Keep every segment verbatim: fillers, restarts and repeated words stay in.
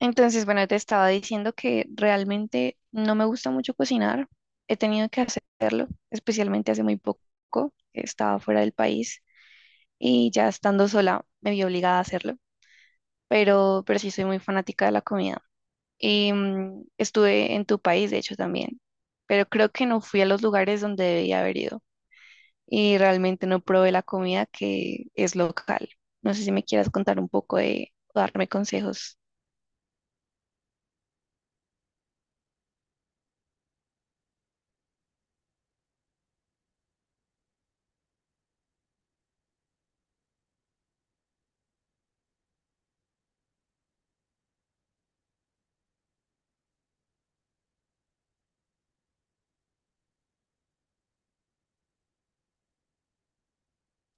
Entonces, bueno, te estaba diciendo que realmente no me gusta mucho cocinar. He tenido que hacerlo, especialmente hace muy poco. Estaba fuera del país y ya estando sola me vi obligada a hacerlo, pero, pero sí soy muy fanática de la comida. Y mm, estuve en tu país, de hecho, también, pero creo que no fui a los lugares donde debía haber ido y realmente no probé la comida que es local. No sé si me quieras contar un poco de, o darme consejos.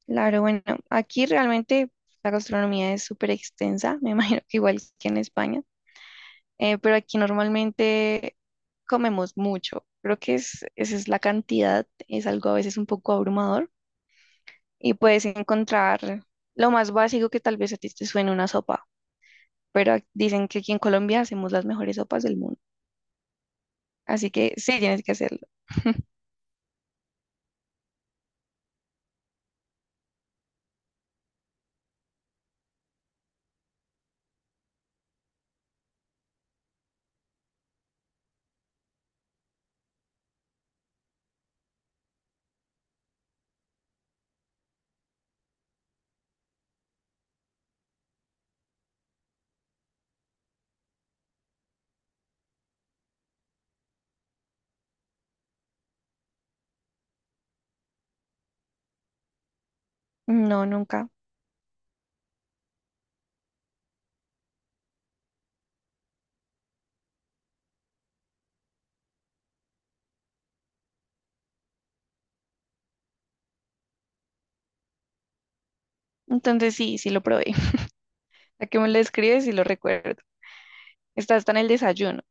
Claro, bueno, aquí realmente la gastronomía es súper extensa, me imagino que igual que en España, eh, pero aquí normalmente comemos mucho. Creo que es, esa es la cantidad, es algo a veces un poco abrumador y puedes encontrar lo más básico que tal vez a ti te suene una sopa, pero ac- dicen que aquí en Colombia hacemos las mejores sopas del mundo, así que sí, tienes que hacerlo. No, nunca. Entonces sí, sí lo probé. ¿A qué me lo escribes y lo recuerdo? Está hasta en el desayuno.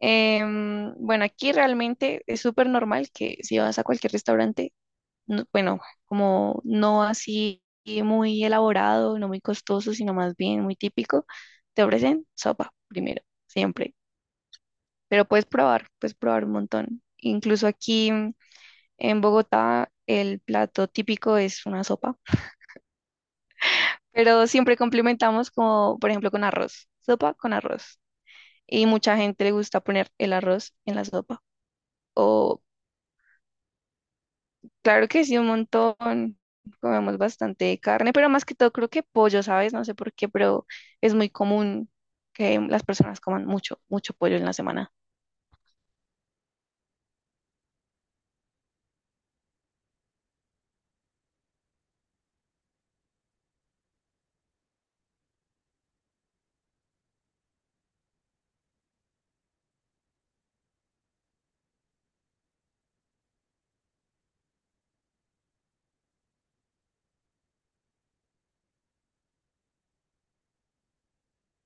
Em, bueno, aquí realmente es súper normal que si vas a cualquier restaurante, no- bueno, como no así muy elaborado, no muy costoso, sino más bien muy típico, te ofrecen sopa primero, siempre. Pero puedes probar, puedes probar un montón. Incluso aquí mm, en Bogotá el plato típico es una sopa, pero siempre complementamos como, por ejemplo, con arroz, sopa con arroz. Y mucha gente le gusta poner el arroz en la sopa o. Claro que sí, un montón. Comemos bastante carne, pero más que todo creo que pollo, ¿sabes? No sé por qué, pero es muy común que las personas coman mucho, mucho pollo en la semana.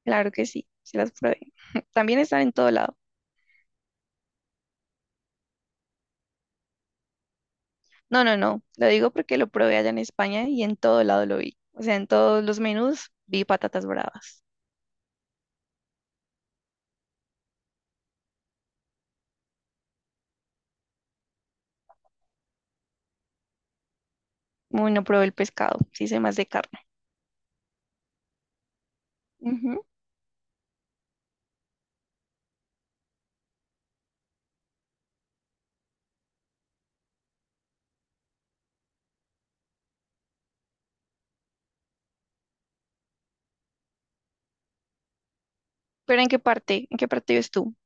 Claro que sí, sí las probé. También están en todo lado. No, no, no. Lo digo porque lo probé allá en España y en todo lado lo vi. O sea, en todos los menús vi patatas bravas. Muy no probé el pescado, sí sé más de carne. Ujú. Pero ¿en qué parte? ¿En qué parte vives tú?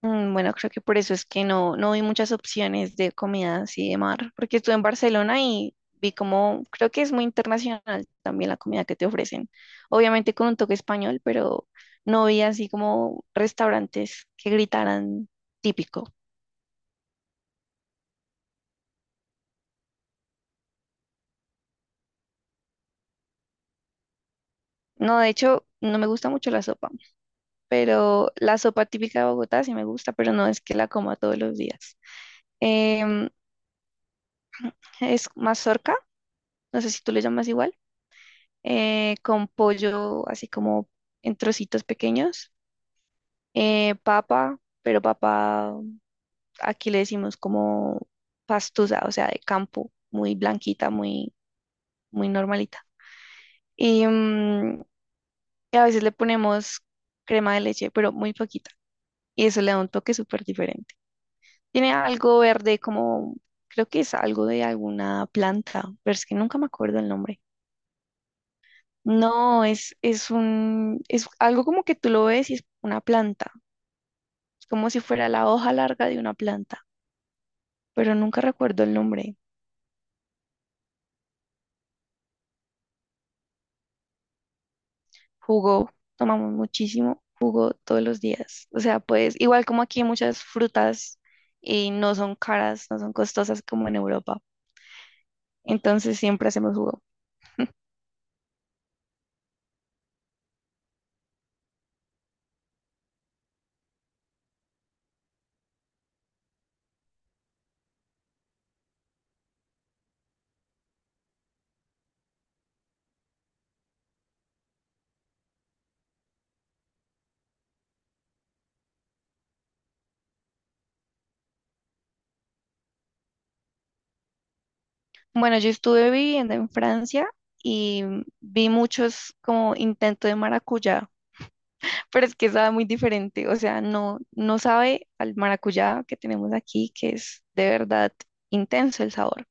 Mm, Bueno, creo que por eso es que no, no vi muchas opciones de comida así de mar, porque estuve en Barcelona y vi como, creo que es muy internacional también la comida que te ofrecen. Obviamente con un toque español, pero no vi así como restaurantes que gritaran típico. No, de hecho, no me gusta mucho la sopa, pero la sopa típica de Bogotá sí me gusta, pero no es que la coma todos los días. Em, es mazorca, no sé si tú le llamas igual. Eh, con pollo así como en trocitos pequeños, eh, papa, pero papa aquí le decimos como pastusa, o sea, de campo, muy blanquita, muy, muy normalita. Y, mm, y a veces le ponemos crema de leche, pero muy poquita, y eso le da un toque súper diferente. Tiene algo verde como, creo que es algo de alguna planta, pero es que nunca me acuerdo el nombre. No, es, es un, es algo como que tú lo ves y es una planta. Es como si fuera la hoja larga de una planta, pero nunca recuerdo el nombre. Jugo, tomamos muchísimo jugo todos los días. O sea, pues igual como aquí muchas frutas y no son caras, no son costosas como en Europa. Entonces siempre hacemos jugo. Bueno, yo estuve viviendo en Francia y vi muchos como intentos de maracuyá, pero es que sabe muy diferente, o sea, no, no sabe al maracuyá que tenemos aquí, que es de verdad intenso el sabor.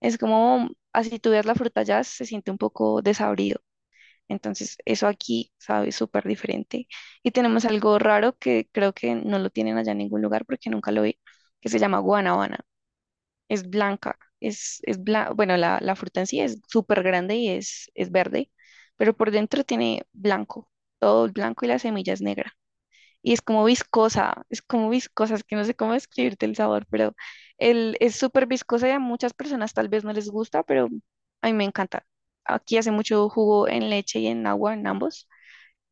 Es como, así tú veas la fruta ya, se siente un poco desabrido. Entonces, eso aquí sabe súper diferente. Y tenemos algo raro que creo que no lo tienen allá en ningún lugar porque nunca lo vi, que se llama guanábana. Es blanca, es, es bla- bueno, la, la fruta en sí es súper grande y es, es verde, pero por dentro tiene blanco, todo el blanco y la semilla es negra y es como viscosa, es como viscosa, es que no sé cómo describirte el sabor, pero el, es súper viscosa y a muchas personas tal vez no les gusta, pero a mí me encanta. Aquí hace mucho jugo en leche y en agua, en ambos,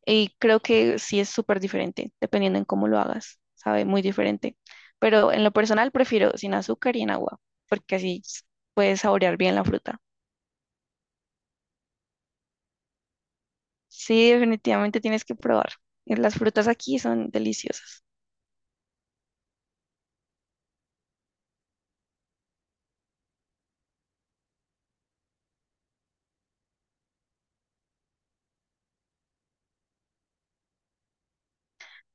y creo que sí es súper diferente, dependiendo en cómo lo hagas, sabe, muy diferente. Pero en lo personal prefiero sin azúcar y en agua, porque así s- puedes saborear bien la fruta. Sí, definitivamente tienes que probar. Las frutas aquí son deliciosas.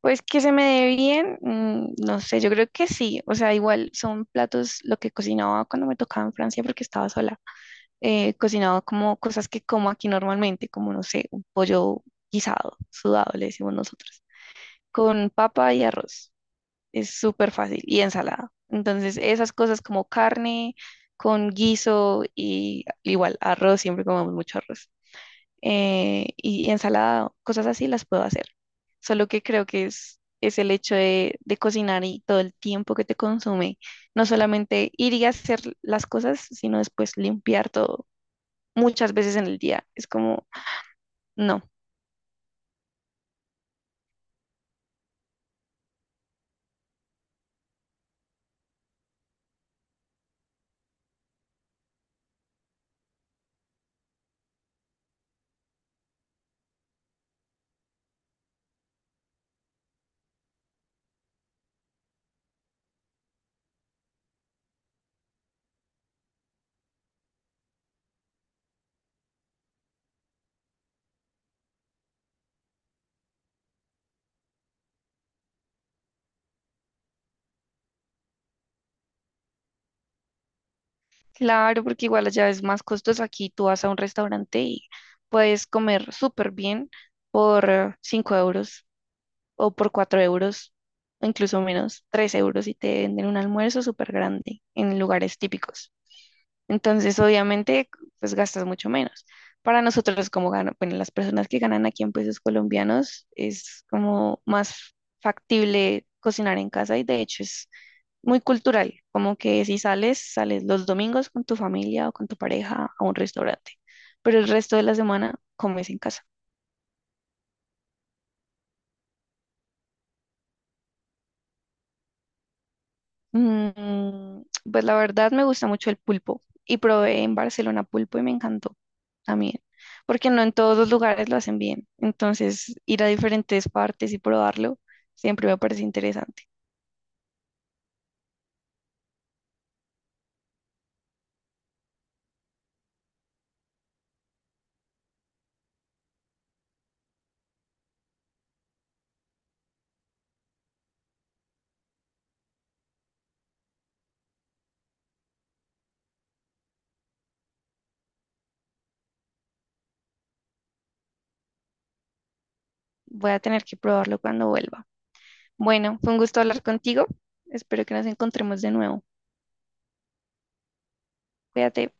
Pues que se me dé bien, mm, no sé, yo creo que sí, o sea, igual son platos lo que cocinaba cuando me tocaba en Francia porque estaba sola, eh, cocinaba como cosas que como aquí normalmente, como no sé, un pollo guisado, sudado, le decimos nosotros, con papa y arroz, es súper fácil, y ensalada, entonces esas cosas como carne con guiso y igual arroz, siempre comemos mucho arroz eh, y ensalada, cosas así las puedo hacer. Solo que creo que es, es el hecho de, de cocinar y todo el tiempo que te consume. No solamente ir y hacer las cosas, sino después limpiar todo muchas veces en el día. Es como, no. Claro, porque igual allá es más costoso. Aquí tú vas a un restaurante y puedes comer súper bien por eh, cinco euros o por cuatro euros, o incluso menos, tres euros y te venden un almuerzo súper grande en lugares típicos. Entonces, obviamente, pues gastas mucho menos. Para nosotros, como gano, bueno, las personas que ganan aquí en pesos colombianos, es como más factible cocinar en casa y de hecho es muy cultural, como que si sales, sales los domingos con tu familia o con tu pareja a un restaurante, pero el resto de la semana comes en casa. Mm, pues la verdad me gusta mucho el pulpo y probé en Barcelona pulpo y me encantó también, porque no en todos los lugares lo hacen bien. Entonces, ir a diferentes partes y probarlo siempre me parece interesante. Voy a tener que probarlo cuando vuelva. Bueno, fue un gusto hablar contigo. Espero que nos encontremos de nuevo. Cuídate.